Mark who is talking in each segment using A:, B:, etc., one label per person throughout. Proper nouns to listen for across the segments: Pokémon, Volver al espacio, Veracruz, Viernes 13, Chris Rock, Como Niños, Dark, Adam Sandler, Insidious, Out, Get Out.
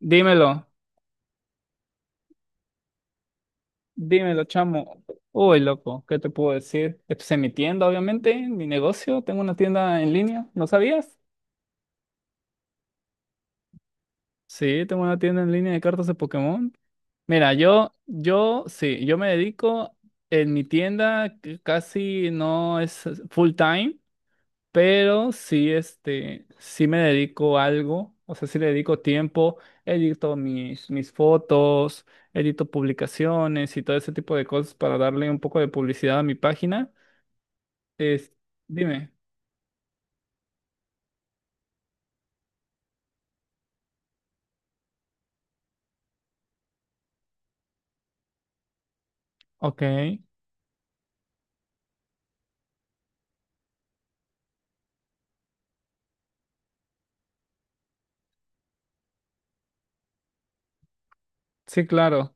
A: Dímelo, dímelo, chamo. Uy, loco, ¿qué te puedo decir? Esto es mi tienda, obviamente, mi negocio. Tengo una tienda en línea, ¿no sabías? Sí, tengo una tienda en línea de cartas de Pokémon. Mira, sí, yo me dedico en mi tienda, que casi no es full time. Pero sí, sí me dedico a algo, o sea, sí le dedico tiempo, edito mis fotos, edito publicaciones y todo ese tipo de cosas para darle un poco de publicidad a mi página. Es, dime, ok, sí, claro.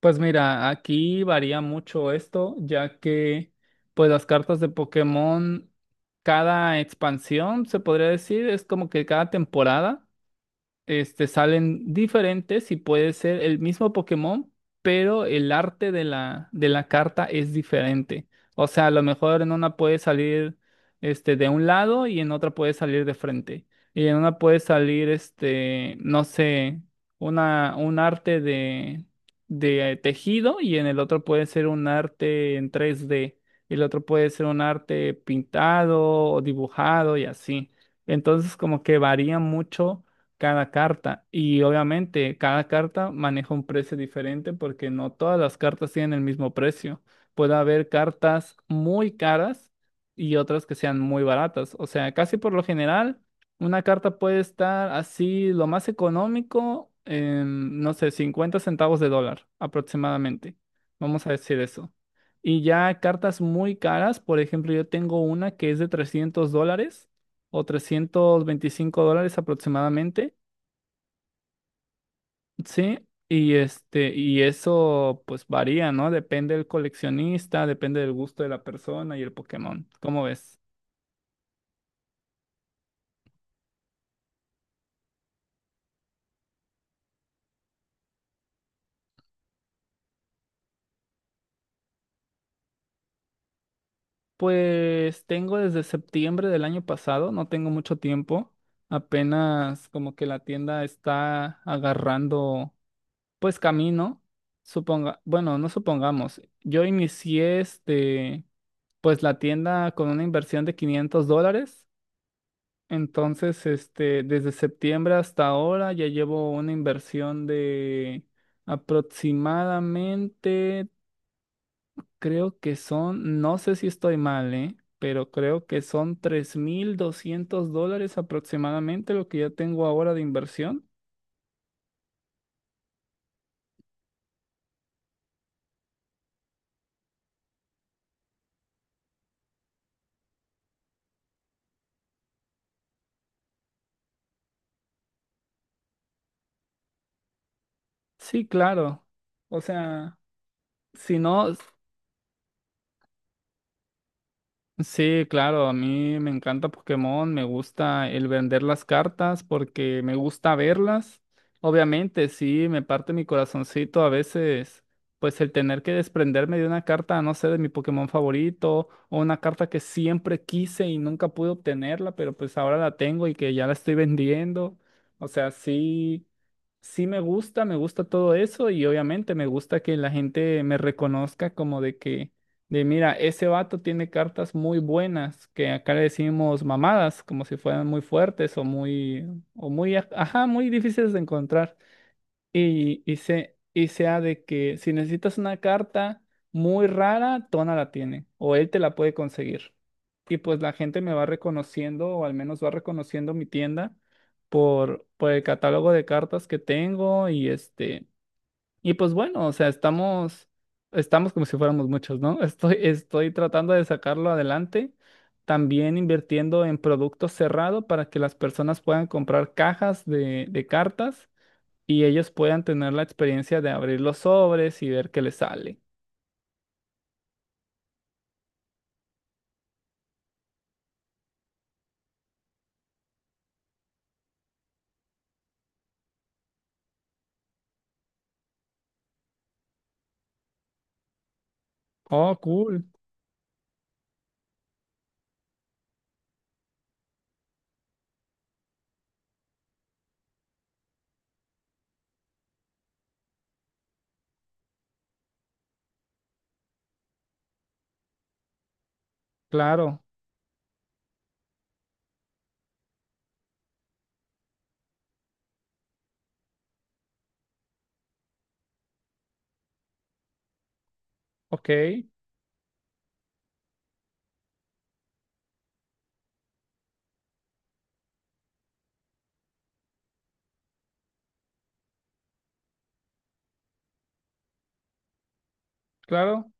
A: Pues mira, aquí varía mucho esto, ya que pues las cartas de Pokémon, cada expansión, se podría decir, es como que cada temporada. Salen diferentes y puede ser el mismo Pokémon, pero el arte de la carta es diferente. O sea, a lo mejor en una puede salir de un lado y en otra puede salir de frente. Y en una puede salir, no sé, un arte de tejido y en el otro puede ser un arte en 3D. El otro puede ser un arte pintado o dibujado y así. Entonces, como que varía mucho cada carta. Y obviamente cada carta maneja un precio diferente porque no todas las cartas tienen el mismo precio. Puede haber cartas muy caras y otras que sean muy baratas. O sea, casi por lo general, una carta puede estar así, lo más económico, en, no sé, 50 centavos de dólar aproximadamente. Vamos a decir eso. Y ya cartas muy caras, por ejemplo, yo tengo una que es de $300 o $325 aproximadamente. Sí, y eso pues varía, ¿no? Depende del coleccionista, depende del gusto de la persona y el Pokémon. ¿Cómo ves? Pues tengo desde septiembre del año pasado, no tengo mucho tiempo. Apenas como que la tienda está agarrando pues camino. Suponga, bueno, no supongamos. Yo inicié pues la tienda con una inversión de $500. Entonces, desde septiembre hasta ahora ya llevo una inversión de aproximadamente, creo que son, no sé si estoy mal, ¿eh? Pero creo que son $3,200 aproximadamente lo que ya tengo ahora de inversión. Sí, claro. O sea, si no, sí, claro, a mí me encanta Pokémon, me gusta el vender las cartas porque me gusta verlas. Obviamente, sí, me parte mi corazoncito a veces, pues el tener que desprenderme de una carta, no sé, de mi Pokémon favorito o una carta que siempre quise y nunca pude obtenerla, pero pues ahora la tengo y que ya la estoy vendiendo. O sea, sí, sí me gusta todo eso y obviamente me gusta que la gente me reconozca como de que de mira, ese vato tiene cartas muy buenas, que acá le decimos mamadas, como si fueran muy fuertes o muy, ajá, muy difíciles de encontrar. Y sea de que si necesitas una carta muy rara, Tona la tiene, o él te la puede conseguir. Y pues la gente me va reconociendo, o al menos va reconociendo mi tienda por el catálogo de cartas que tengo y este. Y pues bueno, o sea, estamos como si fuéramos muchos, ¿no? Estoy tratando de sacarlo adelante, también invirtiendo en producto cerrado para que las personas puedan comprar cajas de cartas y ellos puedan tener la experiencia de abrir los sobres y ver qué les sale. Oh, cool, claro, ok, claro.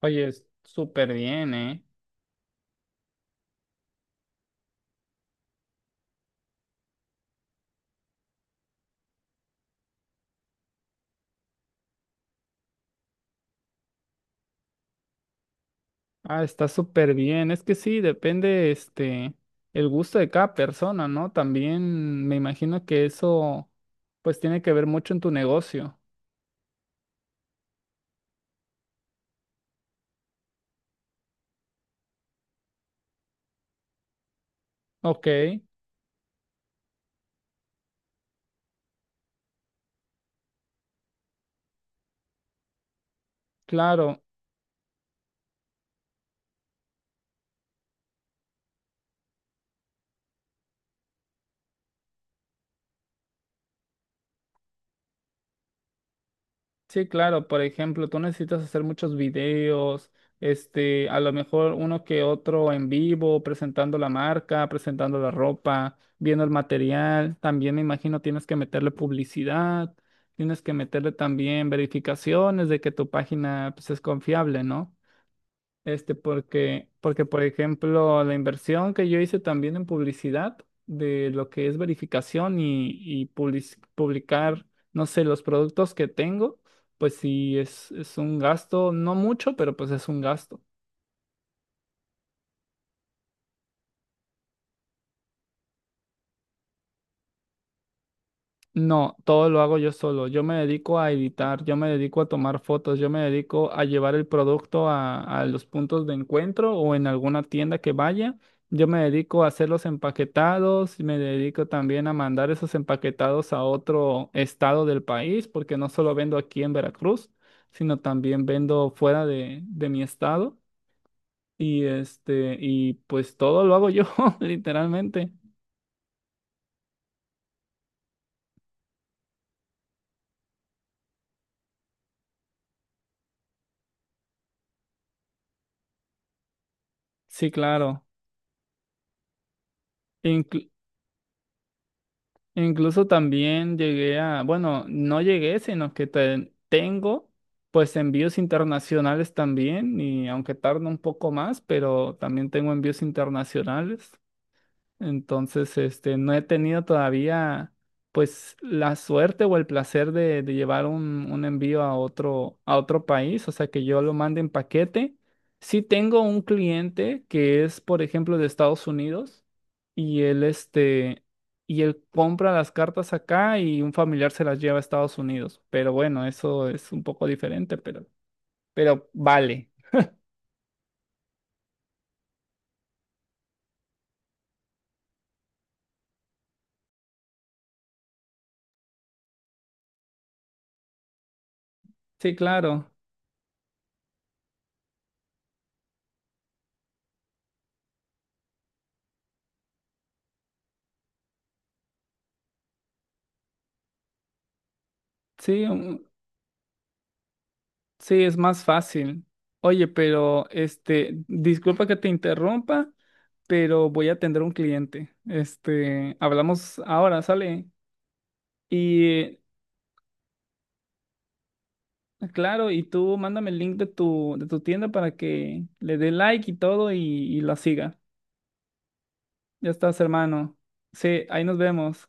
A: Oye, es súper bien, ¿eh? Ah, está súper bien. Es que sí, depende, el gusto de cada persona, ¿no? También me imagino que eso, pues, tiene que ver mucho en tu negocio. Ok, claro. Sí, claro. Por ejemplo, tú necesitas hacer muchos videos, a lo mejor uno que otro en vivo, presentando la marca, presentando la ropa, viendo el material. También me imagino tienes que meterle publicidad, tienes que meterle también verificaciones de que tu página, pues, es confiable, ¿no? Porque, por ejemplo, la inversión que yo hice también en publicidad, de lo que es verificación y publicar, no sé, los productos que tengo, pues sí, es un gasto, no mucho, pero pues es un gasto. No, todo lo hago yo solo. Yo me dedico a editar, yo me dedico a tomar fotos, yo me dedico a llevar el producto a los puntos de encuentro o en alguna tienda que vaya. Yo me dedico a hacer los empaquetados, me dedico también a mandar esos empaquetados a otro estado del país, porque no solo vendo aquí en Veracruz, sino también vendo fuera de mi estado. Y pues todo lo hago yo, literalmente. Sí, claro. Incluso también llegué a, bueno, no llegué, sino que tengo pues envíos internacionales también, y aunque tarda un poco más, pero también tengo envíos internacionales. Entonces, no he tenido todavía, pues, la suerte o el placer de llevar un envío a otro, país, o sea, que yo lo mande en paquete. Sí tengo un cliente que es, por ejemplo, de Estados Unidos y él, este, y él compra las cartas acá y un familiar se las lleva a Estados Unidos. Pero bueno, eso es un poco diferente, pero, vale. Sí, claro. Sí, sí, es más fácil. Oye, pero disculpa que te interrumpa, pero voy a atender a un cliente. Hablamos ahora, sale. Y claro, y tú mándame el link de tu tienda para que le dé like y todo y la siga. Ya estás, hermano. Sí, ahí nos vemos.